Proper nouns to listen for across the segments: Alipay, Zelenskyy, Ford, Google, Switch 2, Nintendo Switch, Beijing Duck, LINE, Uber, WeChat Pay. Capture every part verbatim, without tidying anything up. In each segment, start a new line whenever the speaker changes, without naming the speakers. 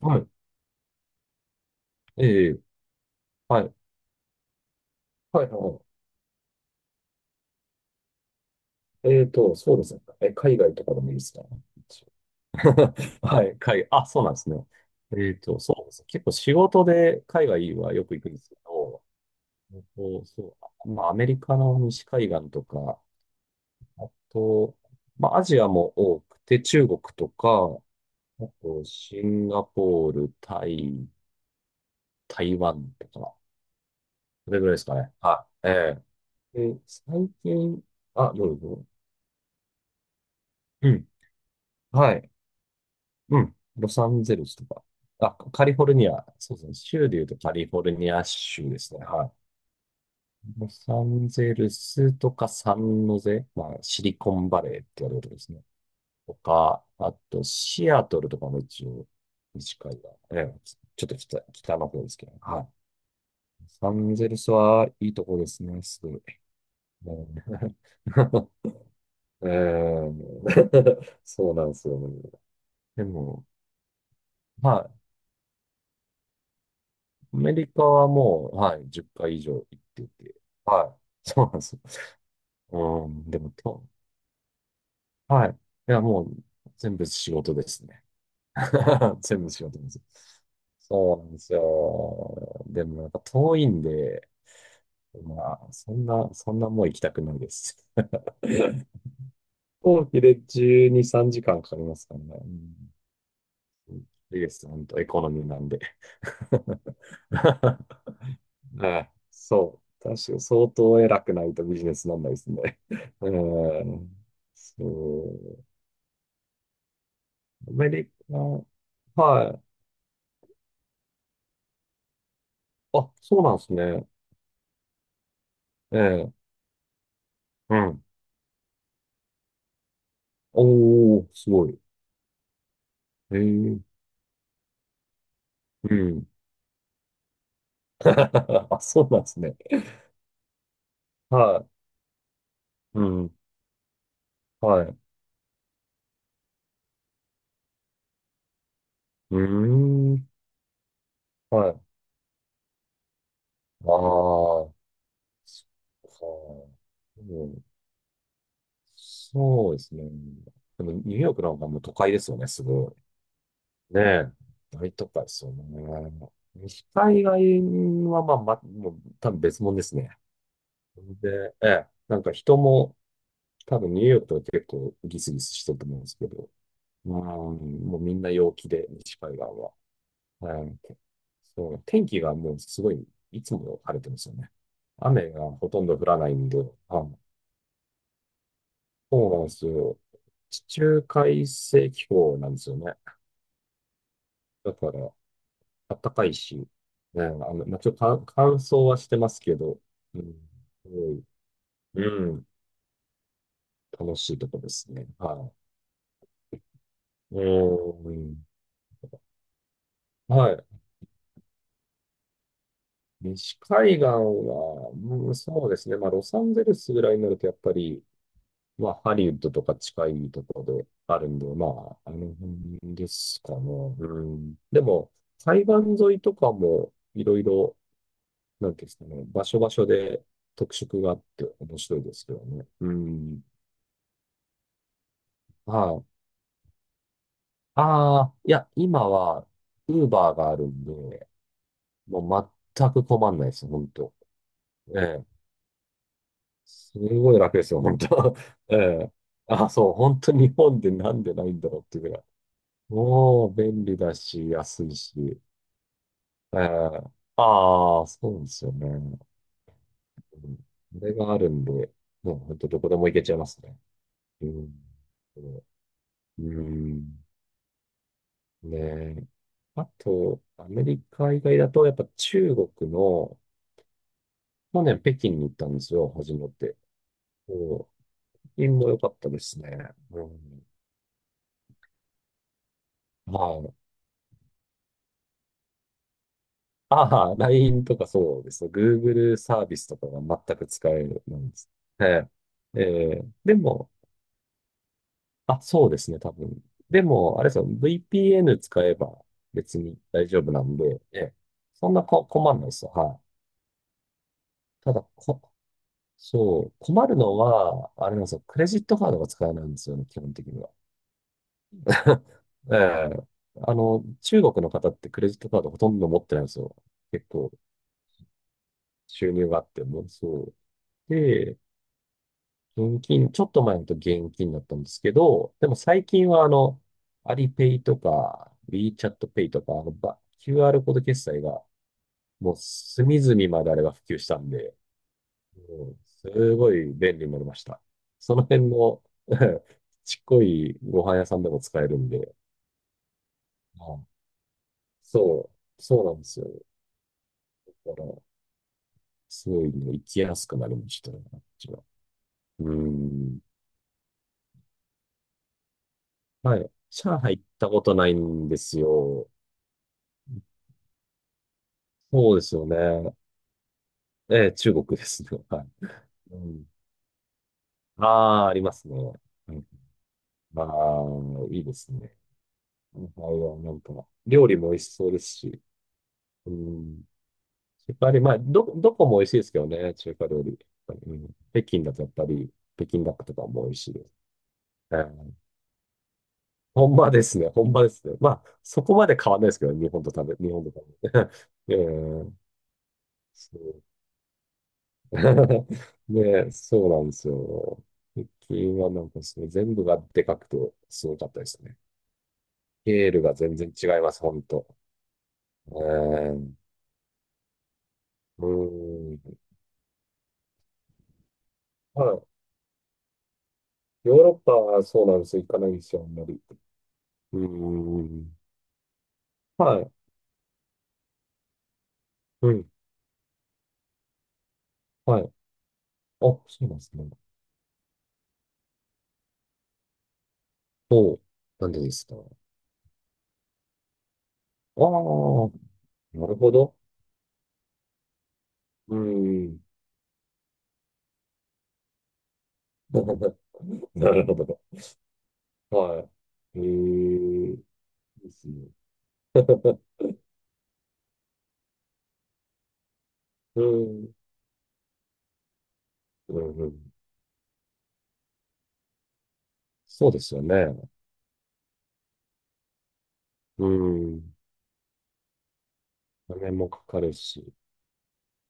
はい。ええ、はい。はい、はい。えっと、そうですね。え、海外とかでもいいですか？ はい、海外。あ、そうなんですね。えっと、そうですね。結構仕事で海外はよく行くんですけど、えっと、そう、まあ、アメリカの西海岸とか、あと、まあ、アジアも多くて、中国とか、あと、シンガポール、タイ、台湾とか、それぐらいですかね。はい。ええ。で、最近、あ、どうぞ。うん。はい。うん。ロサンゼルスとか。あ、カリフォルニア。そうですね。州で言うとカリフォルニア州ですね。はい。ロサンゼルスとかサンノゼ。まあ、シリコンバレーって言われるとこですね。とか、あとシアトルとかも一応、西い岸。ええ、ちょっと北、北の方ですけど。はい。ロサンゼルスはいいとこですね。すごい。うん うん そうなんですよね。でも、まあ、アメリカはもう、はい、じゅっかい以上行ってて、はい、そうなんですよ。うん、でもと、はい。いや、もう、全部仕事ですね。全部仕事です。そうなんですよ。でも、なんか遠いんで、まあ、そんな、そんなもう行きたくないです。飛行機でじゅうに、さんじかんかんかかりますからね。うん、いいです、本当エコノミーなんで。はい。そう。確かに相当偉くないとビジネスなんないですね。うん。そう。アメリカ、はい。あ、そうなんですね。ええ。うん。おー、すごい。ええ。うん。あ、そうなんですね。はい。うん。はい。うーん。はい。ああ、そっか。うん、そうですね。でも、ニューヨークなんかもう都会ですよね、すごい。ねえ、大都会ですよね。西海岸は、まあ、ま、もう多分別物ですね。で、ええ、なんか人も、多分ニューヨークとは結構ギスギスしてると思うんですけど、まあ、もうみんな陽気で、西海岸は。はい。そう、天気がもうすごい、いつも晴れてますよね。雨がほとんど降らないんで、はい、そうなんですよ。地中海性気候なんですよね。だから、あったかいし、ね、あの、まあ、ちょっと乾乾燥はしてますけど、うん、すごい、うん、楽しいとこですね。はい。うん。はい。西海岸は、うん、そうですね。まあ、ロサンゼルスぐらいになると、やっぱり、まあ、ハリウッドとか近いところであるんで、まあ、あの辺ですかね。うん。でも、海岸沿いとかも、いろいろ、なんていうんですかね、場所場所で特色があって面白いですけどね。うん。はい。ああ、いや、今は、ウーバーがあるんで、もう全く困んないです、本当。ええ。すごい楽ですよ、本当。ええ。あ、そう、本当日本でなんでないんだろうっていうぐらい。もう、便利だし、安いし。ええ。ああ、そうですよね。うん、これがあるんで、もう本当どこでも行けちゃいますね。うん。うん。ねえ。あと、アメリカ以外だと、やっぱ中国の、去年北京に行ったんですよ、初めて。そう。北京も良かったですね。うん。はい。ああ、ライン とかそうですね。Google サービスとかが全く使えるんです。ええ。ええ、でも、あ、そうですね、多分。でも、あれですよ、ブイピーエヌ 使えば別に大丈夫なんで、ええ。そんなこ困んないですよ。はい。ただ、こ、そう、困るのは、あれなんですよ、クレジットカードが使えないんですよね、基本的には。ええ。あの、中国の方ってクレジットカードほとんど持ってないんですよ。結構収入があっても、そう。で、現金、ちょっと前だと現金だったんですけど、でも最近はあの、アリペイとか、WeChat ペイとか、あの、ば キューアール コード決済がもう隅々まであれが普及したんで、うん、すごい便利になりました。その辺の ちっこいご飯屋さんでも使えるんで、あ、そう、そうなんですよ。だからすごいね、行きやすくなりましたね、あっちは。うん。はい。上海行ったことないんですよ。そうですよね。ええ、中国ですね。はい。うん。ああ、ありますね。うん、まあ、いいですね。はい、はなんか、料理も美味しそうですし。うん。やっぱりまあ、ど、どこも美味しいですけどね、中華料理。うん、北京だとやっぱり、北京ダックとかも美味しいです。本場ですね。本場ですね。まあ、そこまで変わんないですけどね、日本と食べ、日本と食べて。えー、そう。ね、そうなんですよ。最近はなんかその全部がでかくてすごかったですね。ケールが全然違います、ほんと。えー、うん。はい。ヨーロッパはそうなんですよ。行かないんですよ、あんまり。うん。はい。うん。はい。あ、そうなんですね。おう。なんでですか？ああ、なるほど。うん。なるほど。はい。ええ、ですね。うん。うんうん。そうですよね。うん。お金もかかるし。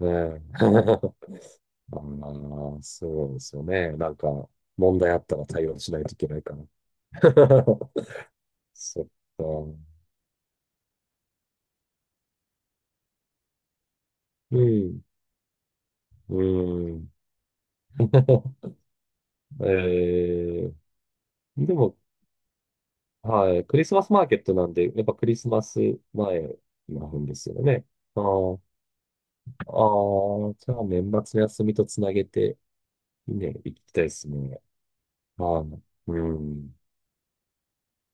ねえ。ああ、そうですよね。なんか、問題あったら対応しないといけないから。そっか。うん。うん。ええ、でも、はい。クリスマスマーケットなんで、やっぱクリスマス前なんですよね。ああ。ああ、じゃあ年末休みとつなげて、いいね、行きたいですね。ああ、うん。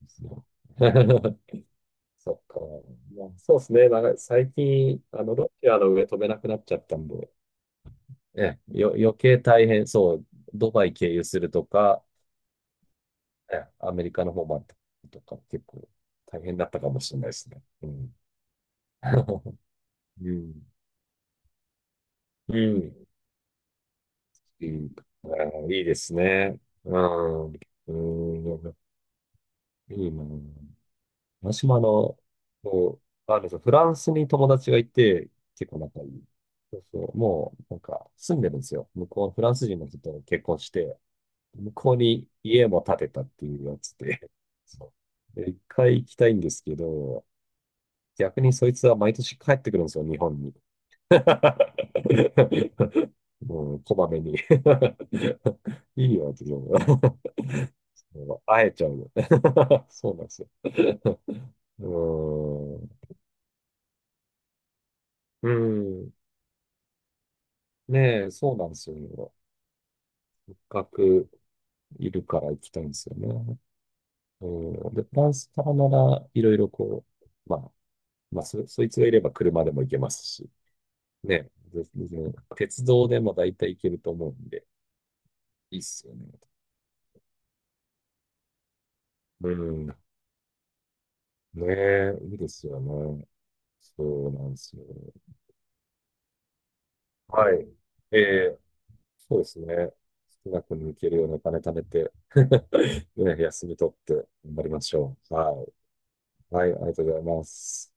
ですね。 そっか。まあ、そうですね。なんか最近、あの、ロシアの上飛べなくなっちゃったんで、ええ、よ、余計大変そう。ドバイ経由するとか、ええ、アメリカの方までとか、結構大変だったかもしれないですね。うん。うん。うん。うん、ああいいですね。うん。うん。いいな。私もあの、こう、あるんですよ。フランスに友達がいて、結構仲いい。そうそう。もう、なんか、住んでるんですよ。向こう、フランス人の人と結婚して、向こうに家も建てたっていうやつで、そう。で一回行きたいんですけど、逆にそいつは毎年帰ってくるんですよ、日本に。もう、こまめに。いいよ、って言うの。 もう会えちゃうよ。そうなんですよ。うーん。うーん。ねえ、そうなんですよね。学いるから行きたいんですよね。うん、で、フランスからなら、いろいろこう、まあ、まあそ、そいつがいれば車でも行けますし、ねえ、全然鉄道でも大体行けると思うんで、いいっすよね。うん、ねえ、いいですよね。そうなんですよ。はい。ええ、そうですね。少なく抜けるようなお金貯めて、ね、休み取って頑張りましょう。はい。はい、ありがとうございます。